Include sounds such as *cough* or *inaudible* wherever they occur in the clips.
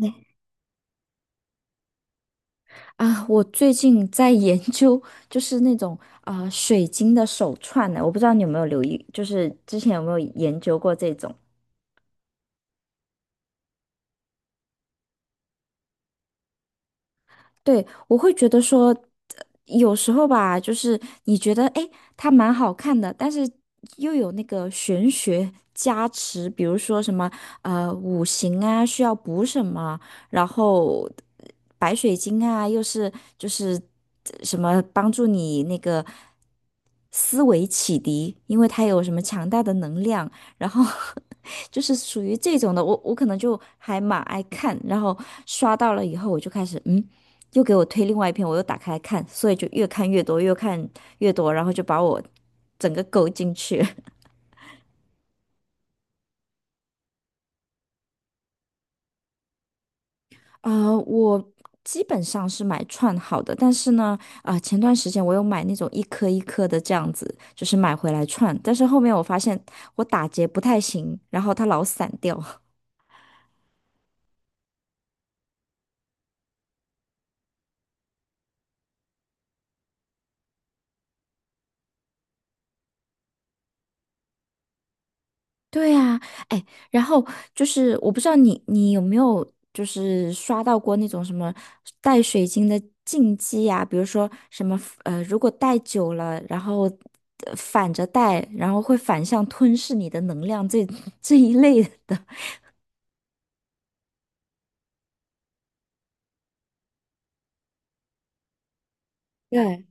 对，我最近在研究，就是那种水晶的手串呢，我不知道你有没有留意，就是之前有没有研究过这种？对，我会觉得说，有时候吧，就是你觉得诶，它蛮好看的，但是又有那个玄学加持，比如说什么五行啊需要补什么，然后白水晶啊又是就是什么帮助你那个思维启迪，因为它有什么强大的能量，然后 *laughs* 就是属于这种的，我可能就还蛮爱看，然后刷到了以后我就开始嗯。又给我推另外一篇，我又打开来看，所以就越看越多，越看越多，然后就把我整个勾进去。*laughs* 啊，我基本上是买串好的，但是呢，前段时间我有买那种一颗一颗的这样子，就是买回来串，但是后面我发现我打结不太行，然后它老散掉。*laughs* 对呀，哎，然后就是我不知道你有没有就是刷到过那种什么带水晶的禁忌呀、比如说什么如果戴久了，然后反着戴，然后会反向吞噬你的能量这 *laughs* 这一类的。对。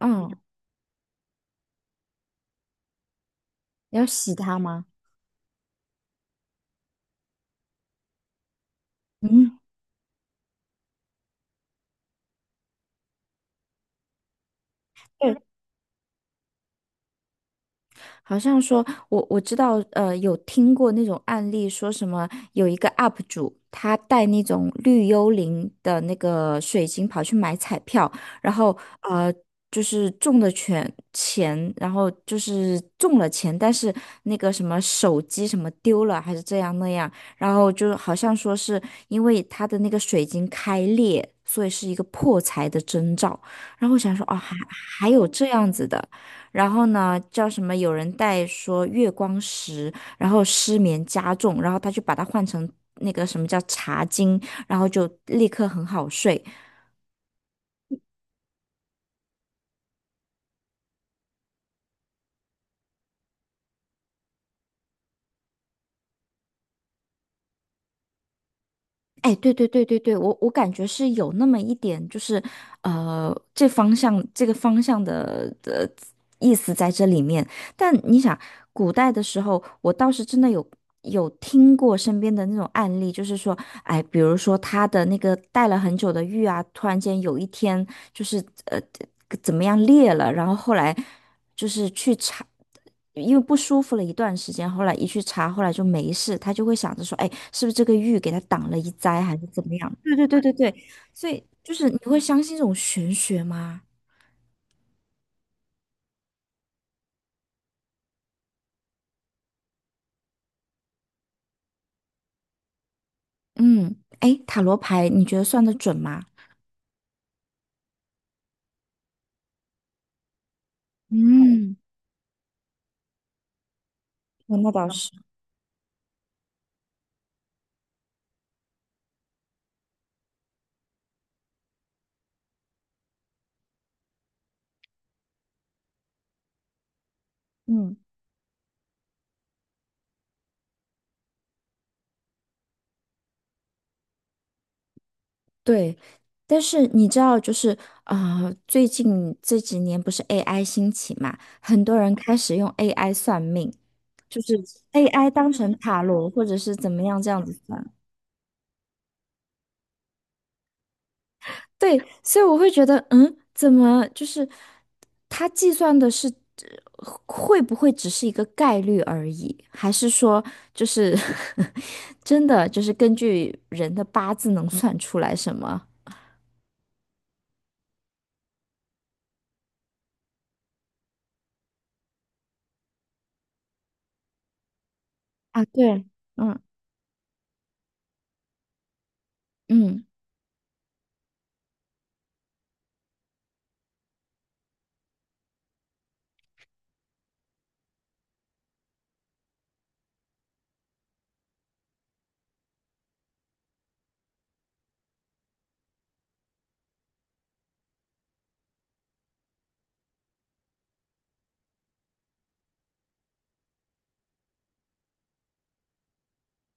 嗯。要洗它吗？嗯嗯。对，好像说，我知道，有听过那种案例，说什么有一个 UP 主，他带那种绿幽灵的那个水晶跑去买彩票，然后呃，就是中的全钱，然后就是中了钱，但是那个什么手机什么丢了，还是这样那样，然后就好像说是因为他的那个水晶开裂，所以是一个破财的征兆，然后我想说，哦，还还有这样子的。然后呢，叫什么？有人带说月光石，然后失眠加重，然后他就把它换成那个什么叫茶精，然后就立刻很好睡。哎，对对对对对，我我感觉是有那么一点，就是这方向这个方向的的意思在这里面。但你想，古代的时候，我倒是真的有听过身边的那种案例，就是说，哎，比如说他的那个戴了很久的玉啊，突然间有一天就是怎么样裂了，然后后来就是去查。因为不舒服了一段时间，后来一去查，后来就没事，他就会想着说，哎，是不是这个玉给他挡了一灾，还是怎么样？对对对对对，所以就是你会相信这种玄学吗？嗯。哎，塔罗牌你觉得算得准吗？嗯。哦那倒是。嗯。对。但是你知道，就是最近这几年不是 AI 兴起嘛，很多人开始用 AI 算命，就是 AI 当成塔罗或者是怎么样这样子算。对，所以我会觉得，嗯，怎么就是他计算的是会不会只是一个概率而已，还是说就是 *laughs* 真的就是根据人的八字能算出来什么？啊，对，嗯嗯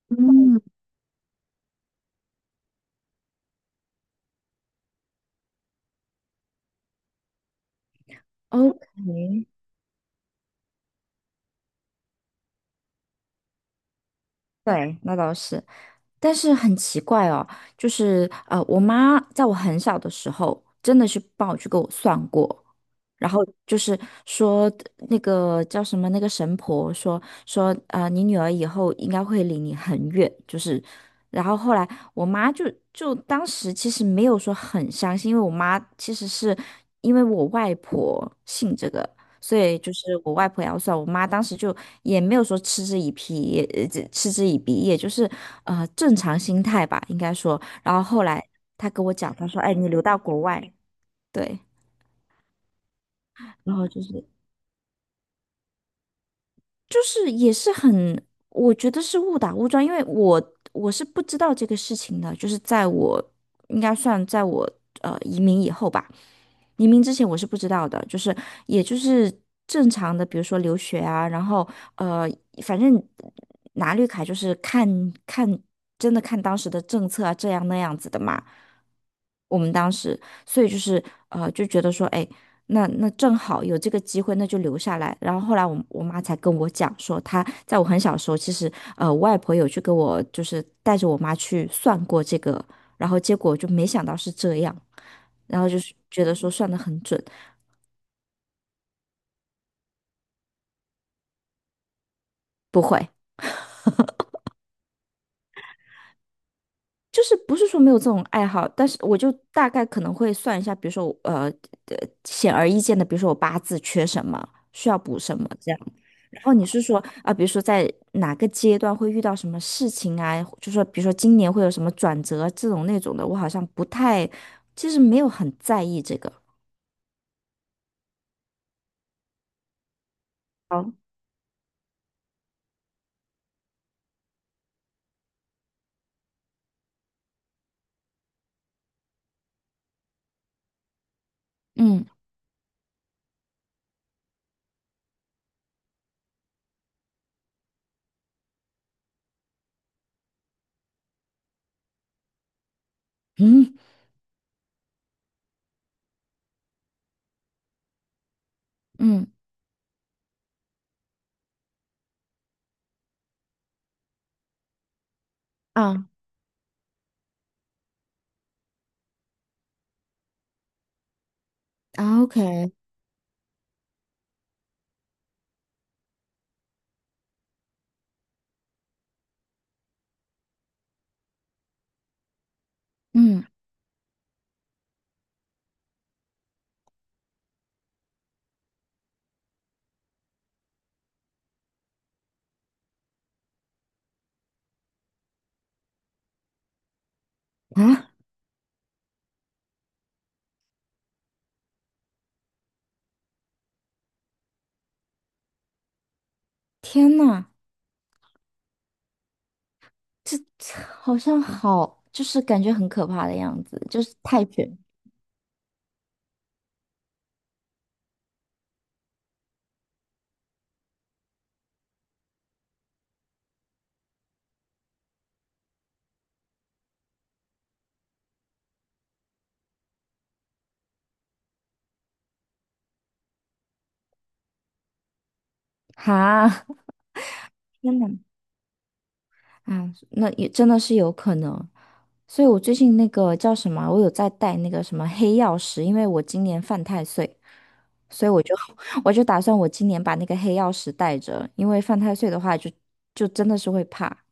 嗯，OK,对，那倒是。但是很奇怪哦，就是我妈在我很小的时候，真的是帮我去给我算过，然后就是说那个叫什么那个神婆说你女儿以后应该会离你很远，就是，然后后来我妈就就当时其实没有说很相信，因为我妈其实是因为我外婆信这个，所以就是我外婆也要算，我妈当时就也没有说嗤之以鼻，也这嗤之以鼻，也就是正常心态吧，应该说。然后后来她跟我讲，她说："哎，你留到国外，对，然后就是就是也是很，我觉得是误打误撞，因为我是不知道这个事情的，就是在我应该算在我移民以后吧。移民之前我是不知道的，就是也就是正常的，比如说留学啊，然后呃，反正拿绿卡就是看看真的看当时的政策啊，这样那样子的嘛。我们当时，所以就是就觉得说，哎，那那正好有这个机会，那就留下来。然后后来我妈才跟我讲说，她在我很小的时候，其实我外婆有去跟我就是带着我妈去算过这个，然后结果就没想到是这样。然后就是觉得说算的很准，不会，就是不是说没有这种爱好，但是我就大概可能会算一下，比如说我呃显而易见的，比如说我八字缺什么，需要补什么这样。然后你是说啊，比如说在哪个阶段会遇到什么事情啊，就说比如说今年会有什么转折这种那种的，我好像不太，其实没有很在意这个。好。嗯嗯嗯啊啊，OK,嗯啊，天呐！这好像好，就是感觉很可怕的样子，就是太卷哈，*laughs* 天呐，啊，那也真的是有可能。所以我最近那个叫什么啊，我有在带那个什么黑曜石，因为我今年犯太岁，所以我就 *laughs* 我就打算我今年把那个黑曜石带着，因为犯太岁的话就就真的是会怕，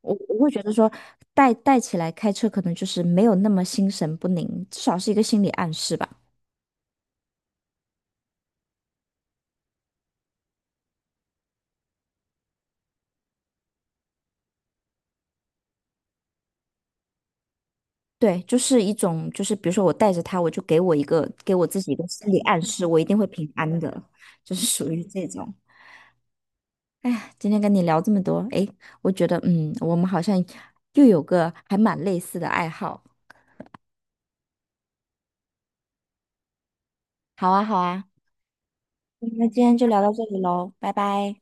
我会觉得说带带起来开车可能就是没有那么心神不宁，至少是一个心理暗示吧。对，就是一种，就是比如说我带着他，我就给我一个给我自己一个心理暗示，我一定会平安的，就是属于这种。哎呀，今天跟你聊这么多，哎，我觉得嗯，我们好像又有个还蛮类似的爱好。好啊，好啊，那今天就聊到这里喽，拜拜。